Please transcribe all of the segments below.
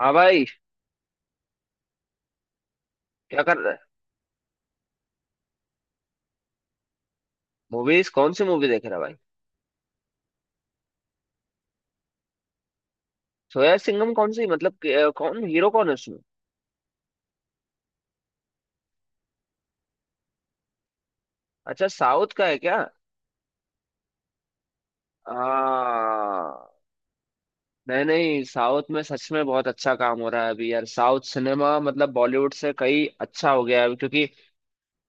हाँ भाई। क्या कर रहा है। मूवीज कौन सी मूवी देख रहा है भाई। सोया सिंघम कौन सी मतलब कौन हीरो कौन है उसमें। अच्छा साउथ का है क्या। आ, नहीं नहीं साउथ में सच में बहुत अच्छा काम हो रहा है अभी यार। साउथ सिनेमा मतलब बॉलीवुड से कई अच्छा हो गया है अभी, क्योंकि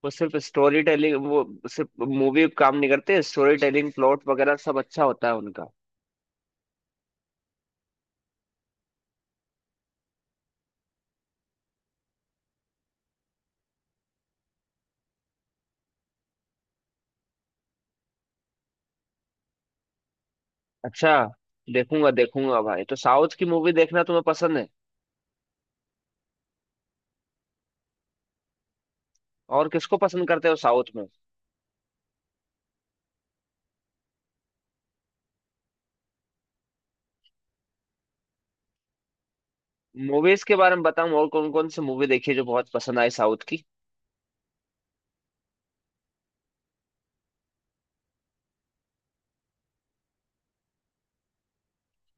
वो सिर्फ स्टोरी टेलिंग, वो सिर्फ मूवी काम नहीं करते। स्टोरी टेलिंग, प्लॉट वगैरह सब अच्छा होता है उनका। अच्छा, देखूंगा देखूंगा भाई। तो साउथ की मूवी देखना तुम्हें पसंद है। और किसको पसंद करते हो साउथ में। मूवीज के बारे में बताऊं और कौन कौन सी मूवी देखी है जो बहुत पसंद आई साउथ की।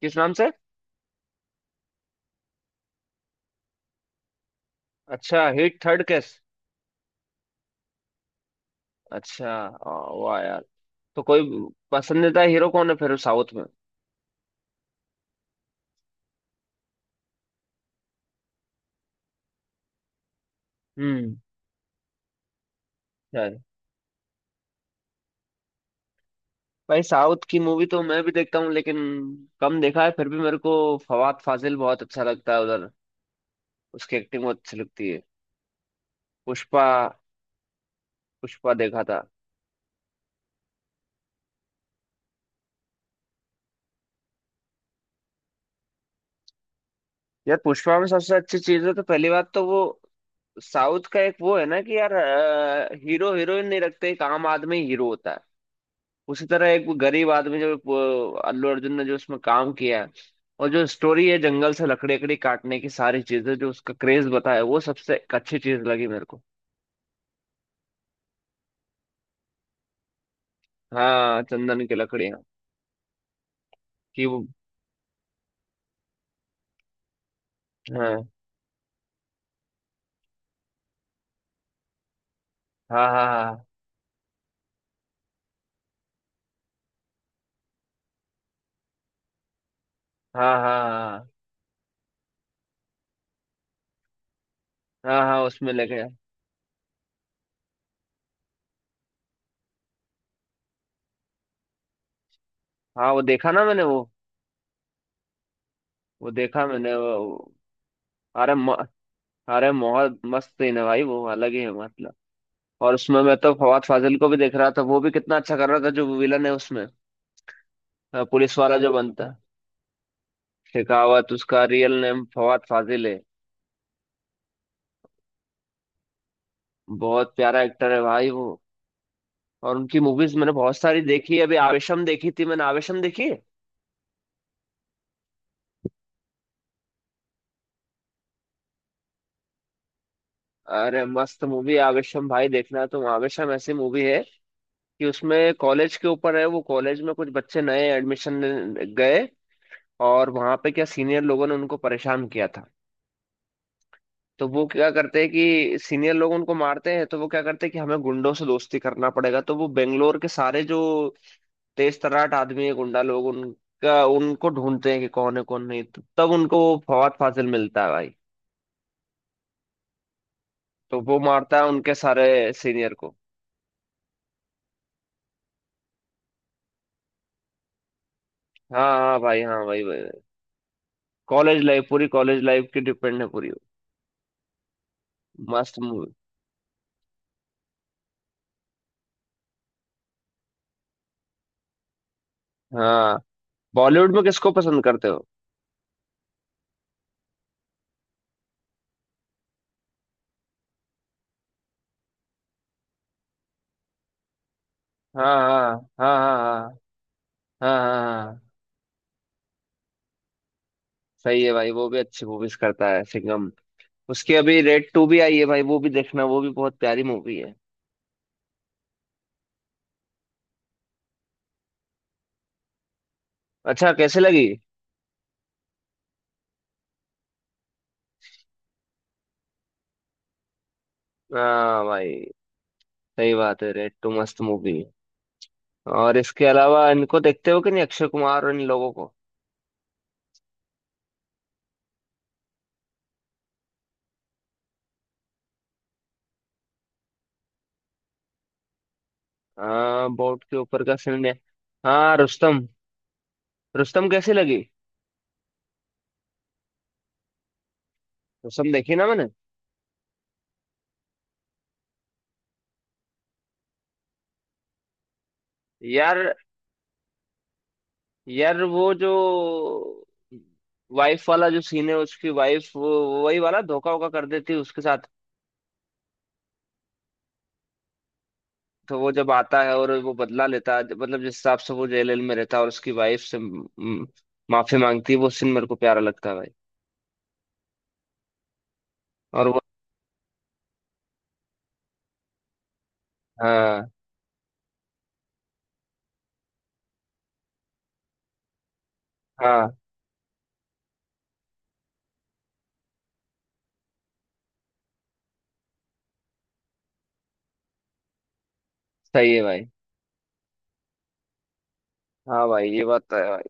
किस नाम से। अच्छा, हिट थर्ड केस। अच्छा। वाह यार। तो कोई पसंदीदा हीरो कौन है फिर साउथ में। हम्म। यार भाई, साउथ की मूवी तो मैं भी देखता हूँ लेकिन कम देखा है। फिर भी मेरे को फवाद फाजिल बहुत अच्छा लगता है उधर। उसकी एक्टिंग बहुत अच्छी लगती है। पुष्पा, पुष्पा देखा था। यार पुष्पा में सबसे अच्छी चीज है तो पहली बात तो वो साउथ का एक वो है ना कि यार हीरो हीरोइन नहीं रखते, एक आम आदमी हीरो होता है। उसी तरह एक वो गरीब आदमी जो, वो अल्लू अर्जुन ने जो उसमें काम किया है। और जो स्टोरी है, जंगल से लकड़ी लकड़ी काटने की सारी चीजें, जो उसका क्रेज बताया, वो सबसे एक अच्छी चीज लगी मेरे को। हाँ चंदन की लकड़ियाँ। कि वो, हाँ, हाँ हाँ, हाँ हाँ हाँ, हाँ हाँ उसमें लेके। हाँ वो देखा ना मैंने वो देखा मैंने वो। अरे म, अरे बहुत मस्त सीन है भाई। वो अलग ही है मतलब। और उसमें मैं तो फवाद फाजिल को भी देख रहा था। वो भी कितना अच्छा कर रहा था, जो विलन है उसमें। पुलिस वाला जो बनता है। शेखावत उसका रियल नेम फवाद फाजिल है। बहुत प्यारा एक्टर है भाई वो। और उनकी मूवीज मैंने बहुत सारी देखी है। अभी आवेशम देखी थी मैंने। आवेशम देखी है? अरे मस्त मूवी आवेशम भाई, देखना तो। आवेशम ऐसी मूवी है कि उसमें कॉलेज के ऊपर है वो। कॉलेज में कुछ बच्चे नए एडमिशन गए, और वहां पे क्या सीनियर लोगों ने उनको परेशान किया था। तो वो क्या करते हैं कि सीनियर लोग उनको मारते हैं, तो वो क्या करते हैं कि हमें गुंडों से दोस्ती करना पड़ेगा। तो वो बेंगलोर के सारे जो तेज तर्राट आदमी है, गुंडा लोग, उनका उनको ढूंढते हैं कि कौन है कौन नहीं। तो तब उनको वो फवाद फाजिल मिलता है भाई। तो वो मारता है उनके सारे सीनियर को। हाँ हाँ भाई, हाँ भाई भाई। कॉलेज लाइफ, पूरी कॉलेज लाइफ की डिपेंड है पूरी। मस्त मूवी। हाँ बॉलीवुड में किसको पसंद करते हो। हाँ हाँ हाँ हाँ हाँ। हाँ हाँ हाँ, सही है भाई, वो भी अच्छी मूवीज करता है सिंघम। उसकी अभी रेड टू भी आई है भाई, वो भी देखना। वो भी बहुत प्यारी मूवी है। अच्छा, कैसे लगी। हाँ भाई, सही बात है, रेड टू मस्त मूवी है। और इसके अलावा इनको देखते हो कि नहीं, अक्षय कुमार और इन लोगों को। हाँ बोट के ऊपर का फिल्म है। हाँ रुस्तम। रुस्तम कैसी लगी। रुस्तम देखी ना मैंने। यार, यार वो जो वाइफ वाला जो सीन है, उसकी वाइफ वही वाला धोखा वोखा कर देती है उसके साथ। तो वो जब आता है और वो बदला लेता है, मतलब जिस हिसाब से वो जेल में रहता है और उसकी वाइफ से म, म, माफी मांगती है, वो सीन मेरे को प्यारा लगता है भाई। और वो, हाँ। हाँ, सही है भाई। हाँ भाई, ये बात तो है भाई।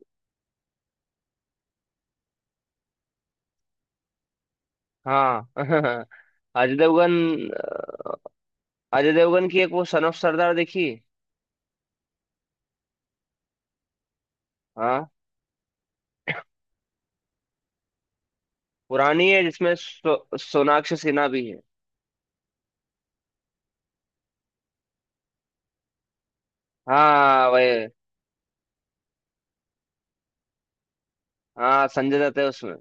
हाँ। अजय देवगन, अजय देवगन की एक वो सन ऑफ सरदार देखी। हाँ पुरानी है, जिसमें सोनाक्षी सिन्हा भी है। हाँ भाई। हाँ संजय दत्त है उसमें।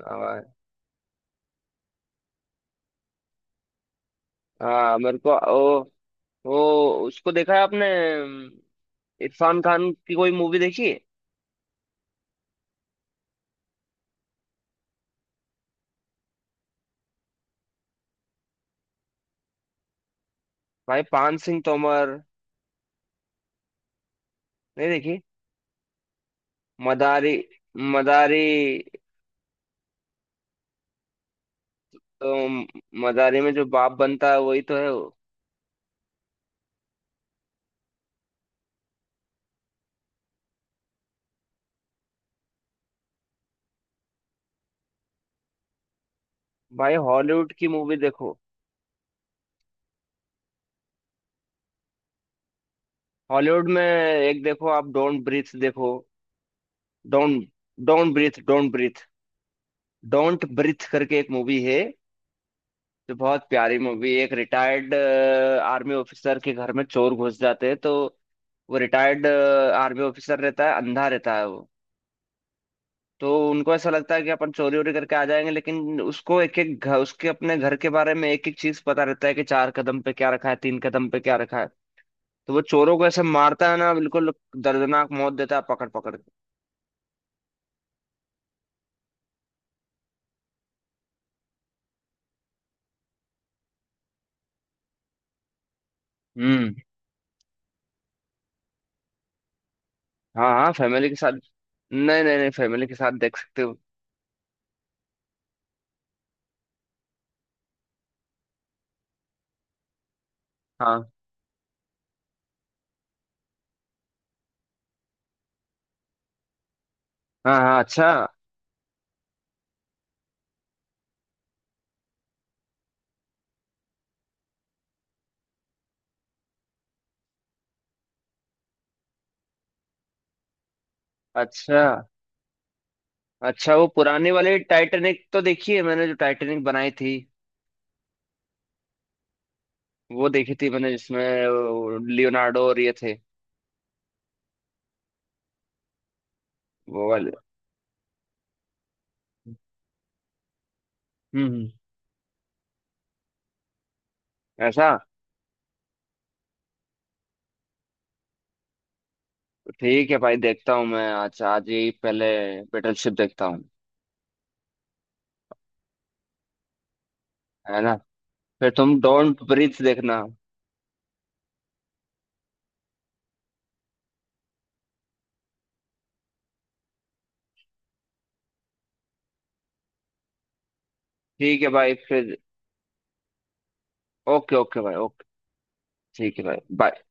हाँ भाई। हाँ मेरे को ओ, ओ उसको देखा है आपने, इरफान खान की कोई मूवी देखी है। भाई पान सिंह तोमर। नहीं देखी। मदारी, मदारी। तो मदारी में जो बाप बनता है वही तो है वो। भाई हॉलीवुड की मूवी देखो। हॉलीवुड में एक देखो, आप डोंट ब्रीथ देखो। Don't don't breathe don't breathe, don't breathe करके एक मूवी है। जो बहुत प्यारी मूवी, एक रिटायर्ड आर्मी ऑफिसर के घर में चोर घुस जाते हैं, तो वो रिटायर्ड आर्मी ऑफिसर रहता है, अंधा रहता है वो। तो उनको ऐसा लगता है कि अपन चोरी वोरी करके आ जाएंगे, लेकिन उसको एक एक घर, उसके अपने घर के बारे में एक एक चीज पता रहता है, कि चार कदम पे क्या रखा है, तीन कदम पे क्या रखा है। तो वो चोरों को ऐसे मारता है ना, बिल्कुल दर्दनाक मौत देता है, पकड़ पकड़ के। हम्म। हाँ हाँ फैमिली के साथ। नहीं नहीं नहीं फैमिली के साथ देख सकते हो। हाँ हाँ हाँ। अच्छा, अच्छा। अच्छा वो पुरानी वाली टाइटैनिक तो देखी है मैंने, जो टाइटैनिक बनाई थी, वो देखी थी मैंने, जिसमें लियोनार्डो और ये थे। वो वाले। हम्म। हम्म। ऐसा। ठीक है भाई, देखता हूँ मैं आज आज ही पहले बैटलशिप देखता हूँ। है ना। फिर तुम डोंट ब्रीथ देखना। ठीक है भाई फिर। ओके, ओके भाई, ओके। ठीक है भाई, बाय।